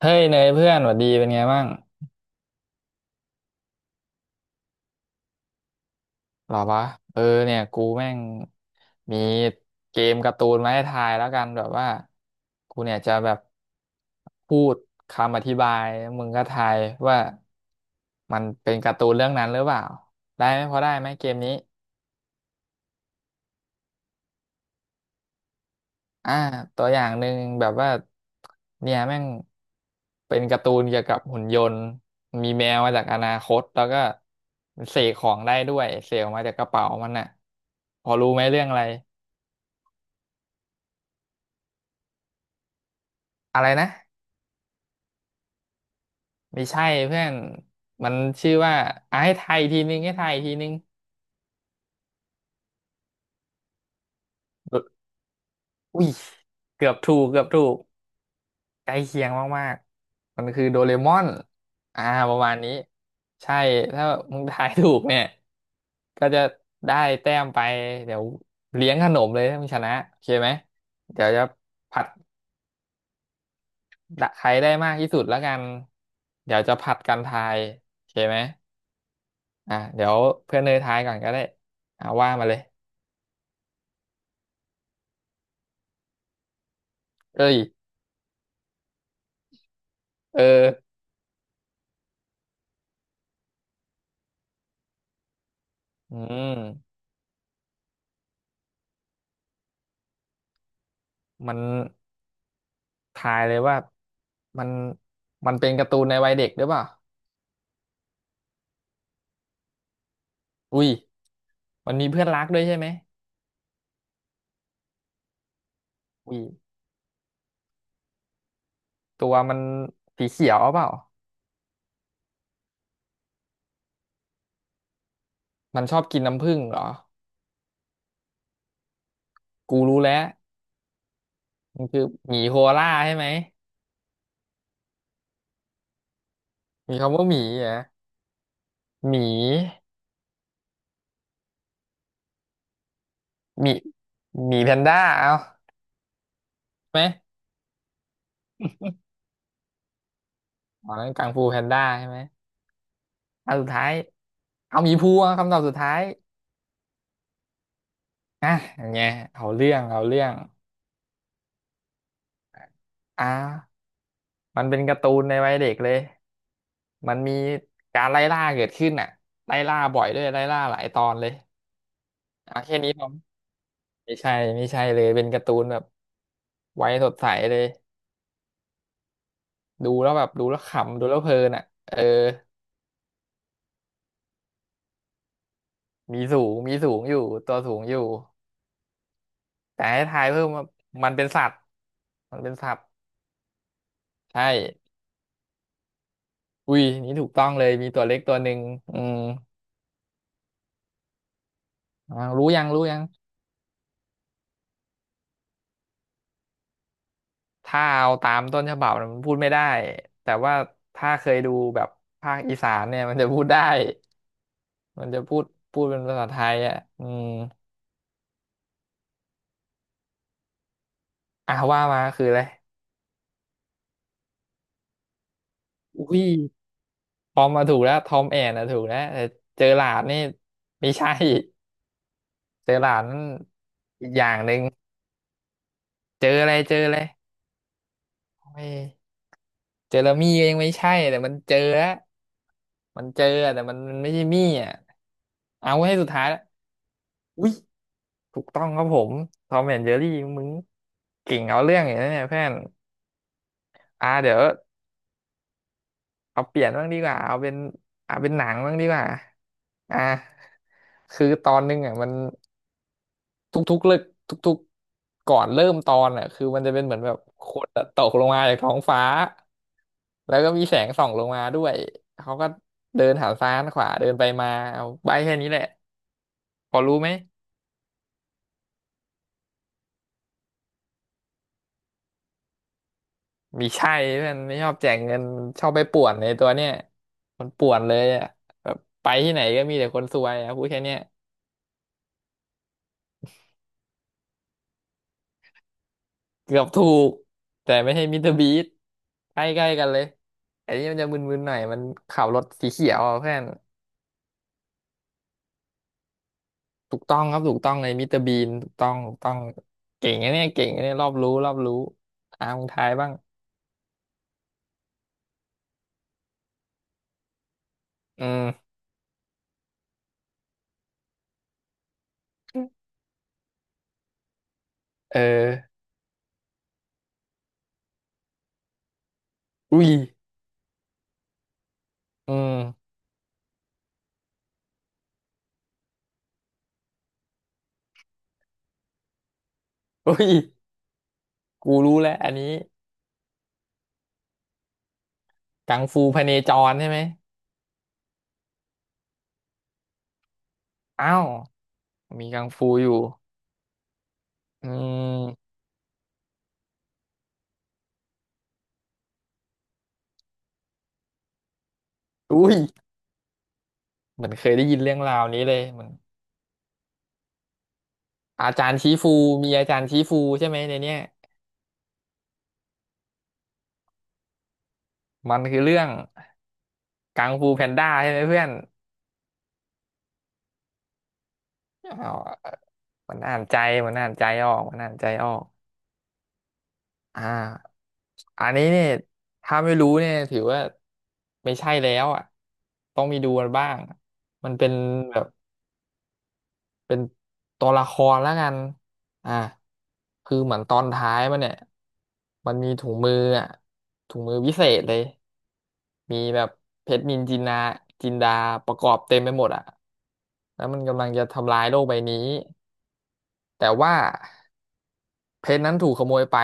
เฮ้ยเนยเพื่อนหวัดดีเป็นไงบ้างหรอวะเออเนี่ยกูแม่งมีเกมการ์ตูนมาให้ทายแล้วกันแบบว่ากูเนี่ยจะแบบพูดคำอธิบายแล้วมึงก็ทายว่ามันเป็นการ์ตูนเรื่องนั้นหรือเปล่าได้ไหมพอได้ไหมเกมนี้ อ่าตัวอย่างหนึ่งแบบว่าเนี่ยแม่งเป็นการ์ตูนเกี่ยวกับหุ่นยนต์มีแมวมาจากอนาคตแล้วก็เสกของได้ด้วยเสกออกมาจากกระเป๋ามันน่ะพอรู้ไหมเรื่องอะไรอะไรนะไม่ใช่เพื่อนมันชื่อว่าอ่ะให้ไทายอีกทีนึงให้ไทายอีกทีนึงอุ้ยเกือบถูกเกือบถูก ใกล้เคียงมากๆ มันคือโดเรมอนอ่าประมาณนี้ ใช่ถ้ามึงทายถูกเนี่ย ก็จะได้แต้มไปเดี๋ยวเลี้ยงขนมเลยถ้ามึงชนะโอเคไหมเดี๋ยวจะผัดใครได้มากที่สุดแล้วกันเดี๋ยวจะผัดกันทายโอเคไหมอ่ะเดี๋ยวเพื่อนเนยทายก่อนก็ได้ว่ามาเลยเอ้ยเอออืมมันทายเลยว่า มันมันเป็นการ์ตูนในวัยเด็กหรือเปล่า อุ้ยมันมีเพื่อนรักด้วยใช่ไหมอุ้ยตัวมันสีเขียวเปล่ามันชอบกินน้ำผึ้งเหรอกูรู้แล้วมันคือหมีโคอาล่าใช่ไหมมีคำว่าหมีเหรอ่ะหมีหมีหมีแพนด้าเอาใช่ไหมอ๋อนั้นกังฟูแพนด้าใช่ไหมอันสุดท้ายเอาหมีภูอ่ะคำตอบสุดท้ายอ่ะอย่างเงี้ยเอาเรื่องเอาเรื่องอ่ามันเป็นการ์ตูนในวัยเด็กเลยมันมีการไล่ล่าเกิดขึ้นอ่ะไล่ล่าบ่อยด้วยไล่ล่าหลายตอนเลย อ่ะแค่นี้พอไม่ใช่ไม่ใช่เลยเป็นการ์ตูนแบบไว้สดใสเลยดูแล้วแบบดูแล้วขำดูแล้วเพลินอ่ะเออมีสูงมีสูงอยู่ตัวสูงอยู่แต่ให้ทายเพิ่มว่ามันเป็นสัตว์มันเป็นสัตว์ใช่อุ้ยนี่ถูกต้องเลยมีตัวเล็กตัวหนึ่งอืมรู้ยังรู้ยังถ้าเอาตามต้นฉบับน่ะมันพูดไม่ได้แต่ว่าถ้าเคยดูแบบภาคอีสานเนี่ยมันจะพูดได้มันจะพูดพูดเป็นภาษาไทยอ่ะอืมอ่ะว่ามาคืออะไร อุ้ยทอมมาถูกแล้วทอมแอนนะถูกแล้วแต่เจอหลาดนี่ไม่ใช่เจอหลาดนั่นอีกอย่างหนึ่ง เจออะไรเจออะไรโอ้ยเจอแล้วมี่ก็ยังไม่ใช่แต่มันเจอแล้วมันเจออะแต่มันไม่ใช่มี่อ่ะเอาไว้ให้สุดท้ายแล้วอุ้ยถูกต้องครับผมทอมแอนเจอรี่มึงเก่งเอาเรื่องอย่างนี้เนี่ยเพื่อนเดี๋ยวเอาเปลี่ยนบ้างดีกว่าเอาเป็นเอาเป็นหนังบ้างดีกว่าอ่าคือตอนนึงอ่ะมัน ทุกๆเลิกทุกๆก่อนเริ่มตอนอ่ะคือมันจะเป็นเหมือนแบบขวดอะตกลงมาจากท้องฟ้าแล้วก็มีแสงส่องลงมาด้วยเขาก็เดินหันซ้ายหันขวาเดินไปมาเอาใบแค่นี้แหละพอรู้ไหมมีใช่เพื่อนไม่ชอบแจกเงินมันชอบไปป่วนในตัวเนี่ยมันป่วนเลยอ่ะแบบไปที่ไหนก็มีแต่คนซวยอ่ะพูดแค่เนี้ยเกือบถูกแต่ไม่ใช่มิสเตอร์บีสใกล้ๆกันเลยไอ้นี่มันจะมึนๆหน่อยมันขับรถสีเขียวอะเพื่อน ถูกต้องครับถูกต้องในมิสเตอร์บีนถูกต้องถูกต้องเก่งนะเนี่ยเก่งนะเนี่ยรอบรู้รอบรู้อามึงทายบ้างอืมเอออุ้ยอืมอุ้ยกูรู้แล้วอันนี้กังฟูพเนจรใช่ไหมอ้าวมีกังฟูอยู่อืมอุ้ยเหมือนเคยได้ยินเรื่องราวนี้เลยเหมือนอาจารย์ชี้ฟูมีอาจารย์ชี้ฟูใช่ไหมในเนี้ยมันคือเรื่องกังฟูแพนด้าใช่ไหมเพื่อนอ้าวมันอ่านใจมันอ่านใจออกมันอ่านใจออก อ่าอันนี้เนี่ยถ้าไม่รู้เนี่ยถือว่าไม่ใช่แล้วอ่ะต้องมีดูกันบ้างมันเป็นแบบเป็นตัวละครแล้วกันอ่าคือเหมือนตอนท้ายมันเนี่ยมันมีถุงมืออ่ะถุงมือวิเศษเลยมีแบบเพชรนินจินดาจินดาประกอบเต็มไปหมดอ่ะแล้วมันกำลังจะทำลายโลกใบนี้แต่ว่าเพชรนั้นถูกขโมยไป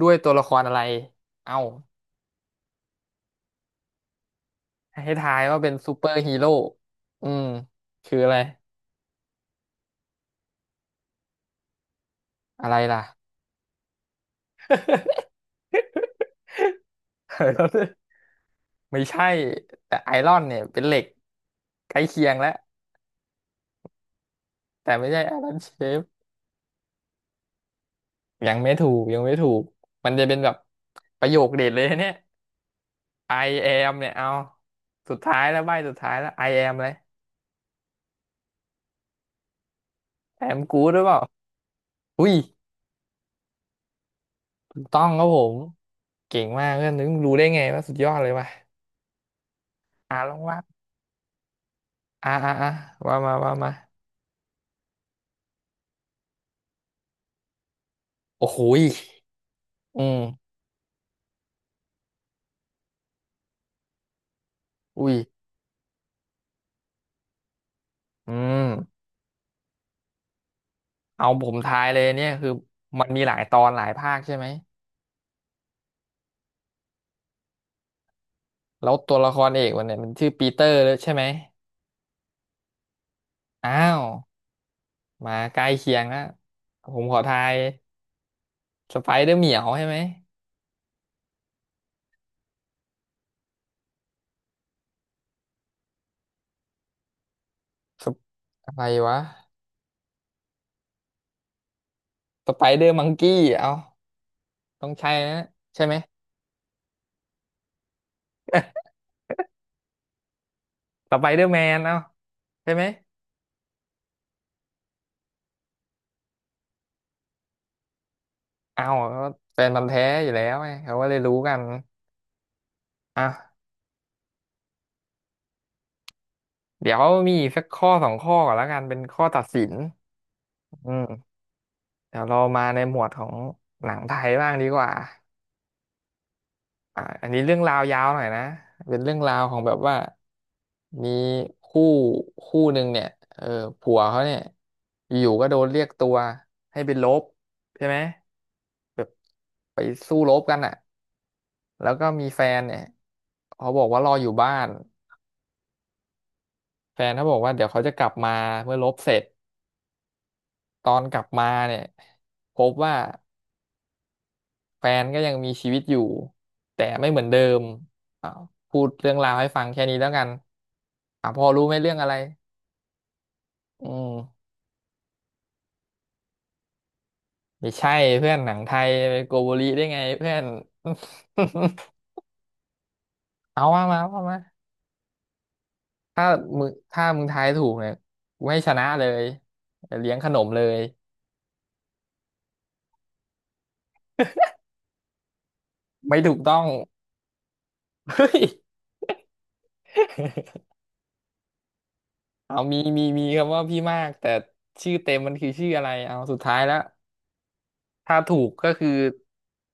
ด้วยตัวละครอะไรเอ้า ให้ทายว่าเป็นซูเปอร์ฮีโร่อืมคืออะไร อะไรล่ะ ไม่ใช่ แต่ไอรอนเนี่ยเป็นเหล็กใกล้เคียงแล้ว แต่ไม่ใช่ไอรอนเชฟยังไม่ถูกยังไม่ถูก มันจะเป็นแบบประโยคเด็ดเลยเนี่ย I am เนี่ยเอา สุดท้ายแล้วใบสุดท้ายแล้ว I am เลย I am good หรือเปล่า อุ้ยถูกต้องครับผม เก่งมากเพื่อนนึกรู้ได้ไงว่าสุดยอดเลยว่ะอ่าลองว่าอ่าอ่าอ่าว่ามาว่ามา โอ้โหยอืมอุ้ยอืมเอาผมทายเลยเนี่ยคือมันมีหลายตอนหลายภาคใช่ไหม แล้วตัวละครเอกมันเนี่ยมันชื่อปีเตอร์เลยใช่ไหมอ้าว มาใกล้เคียงแล้วผมขอทายสไปเดอร์เหมียวใช่ไหมสปอะไรวะสไปเดอร์มังกี้เอาต้องใช่นะใช่ไหม สไปเดอร์แมนเอาใช่ไหมเอาก็แฟนมันธุ์แท้อยู่แล้วไงเขาก็เลยรู้กันอ่ะเดี๋ยวมีอีกสักข้อสองข้อก่อนแล้วกันเป็นข้อตัดสิน อืมเดี๋ยวเรามาในหมวดของหนังไทยบ้างดีกว่าอ่าอันนี้เรื่องราวยาวหน่อยนะเป็นเรื่องราวของแบบว่ามีคู่คู่หนึ่งเนี่ยเออผัวเขาเนี่ยอยู่ๆก็โดนเรียกตัวให้ไปรบใช่ไหมแบบไปสู้รบกันอ่ะแล้วก็มีแฟนเนี่ยเขาบอกว่ารออยู่บ้านแฟนเขาบอกว่าเดี๋ยวเขาจะกลับมาเมื่อรบเสร็จตอนกลับมาเนี่ยพบว่า แฟนก็ยังมีชีวิตอยู่แต่ไม่เหมือนเดิมอ่าพูดเรื่องราวให้ฟังแค่นี้แล้วกันอ่าพอรู้ไหมเรื่องอะไรอืมไม่ใช่เพื่อนหนังไทยไปโกโบริได้ไงเพื่อน เอาว่ามาว่ามาถ้ามึงถ้ามึงทายถูกเนี่ยกูให้ชนะเลยเลี้ยงขนมเลยไม่ถูกต้องเฮ้ย เอามีมีมีคำว่าพี่มากแต่ชื่อเต็มมันคือชื่ออะไรเอาสุดท้ายแล้วถ้าถูกก็คือ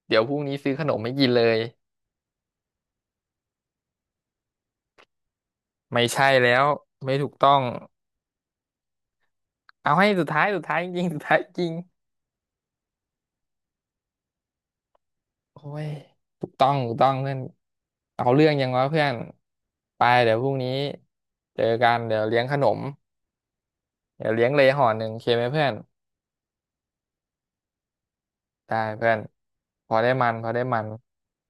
เดี๋ยวพรุ่งนี้ซื้อขนมม่กินเลย ไม่ใช่แล้วไม่ถูกต้องเอาให้สุดท้ายสุดท้ายจริงสุดท้ายจริงโอ้ยถูกต้องถูกต้องเพื่อนเอาเรื่องยังวะเพื่อนไปเดี๋ยวพรุ่งนี้เจอกันเดี๋ยวเลี้ยงขนมเดี๋ยวเลี้ยงเลยห่อหนึ่งโอเคไหมเพื่อนได้เพื่อนพอได้มันพอได้มัน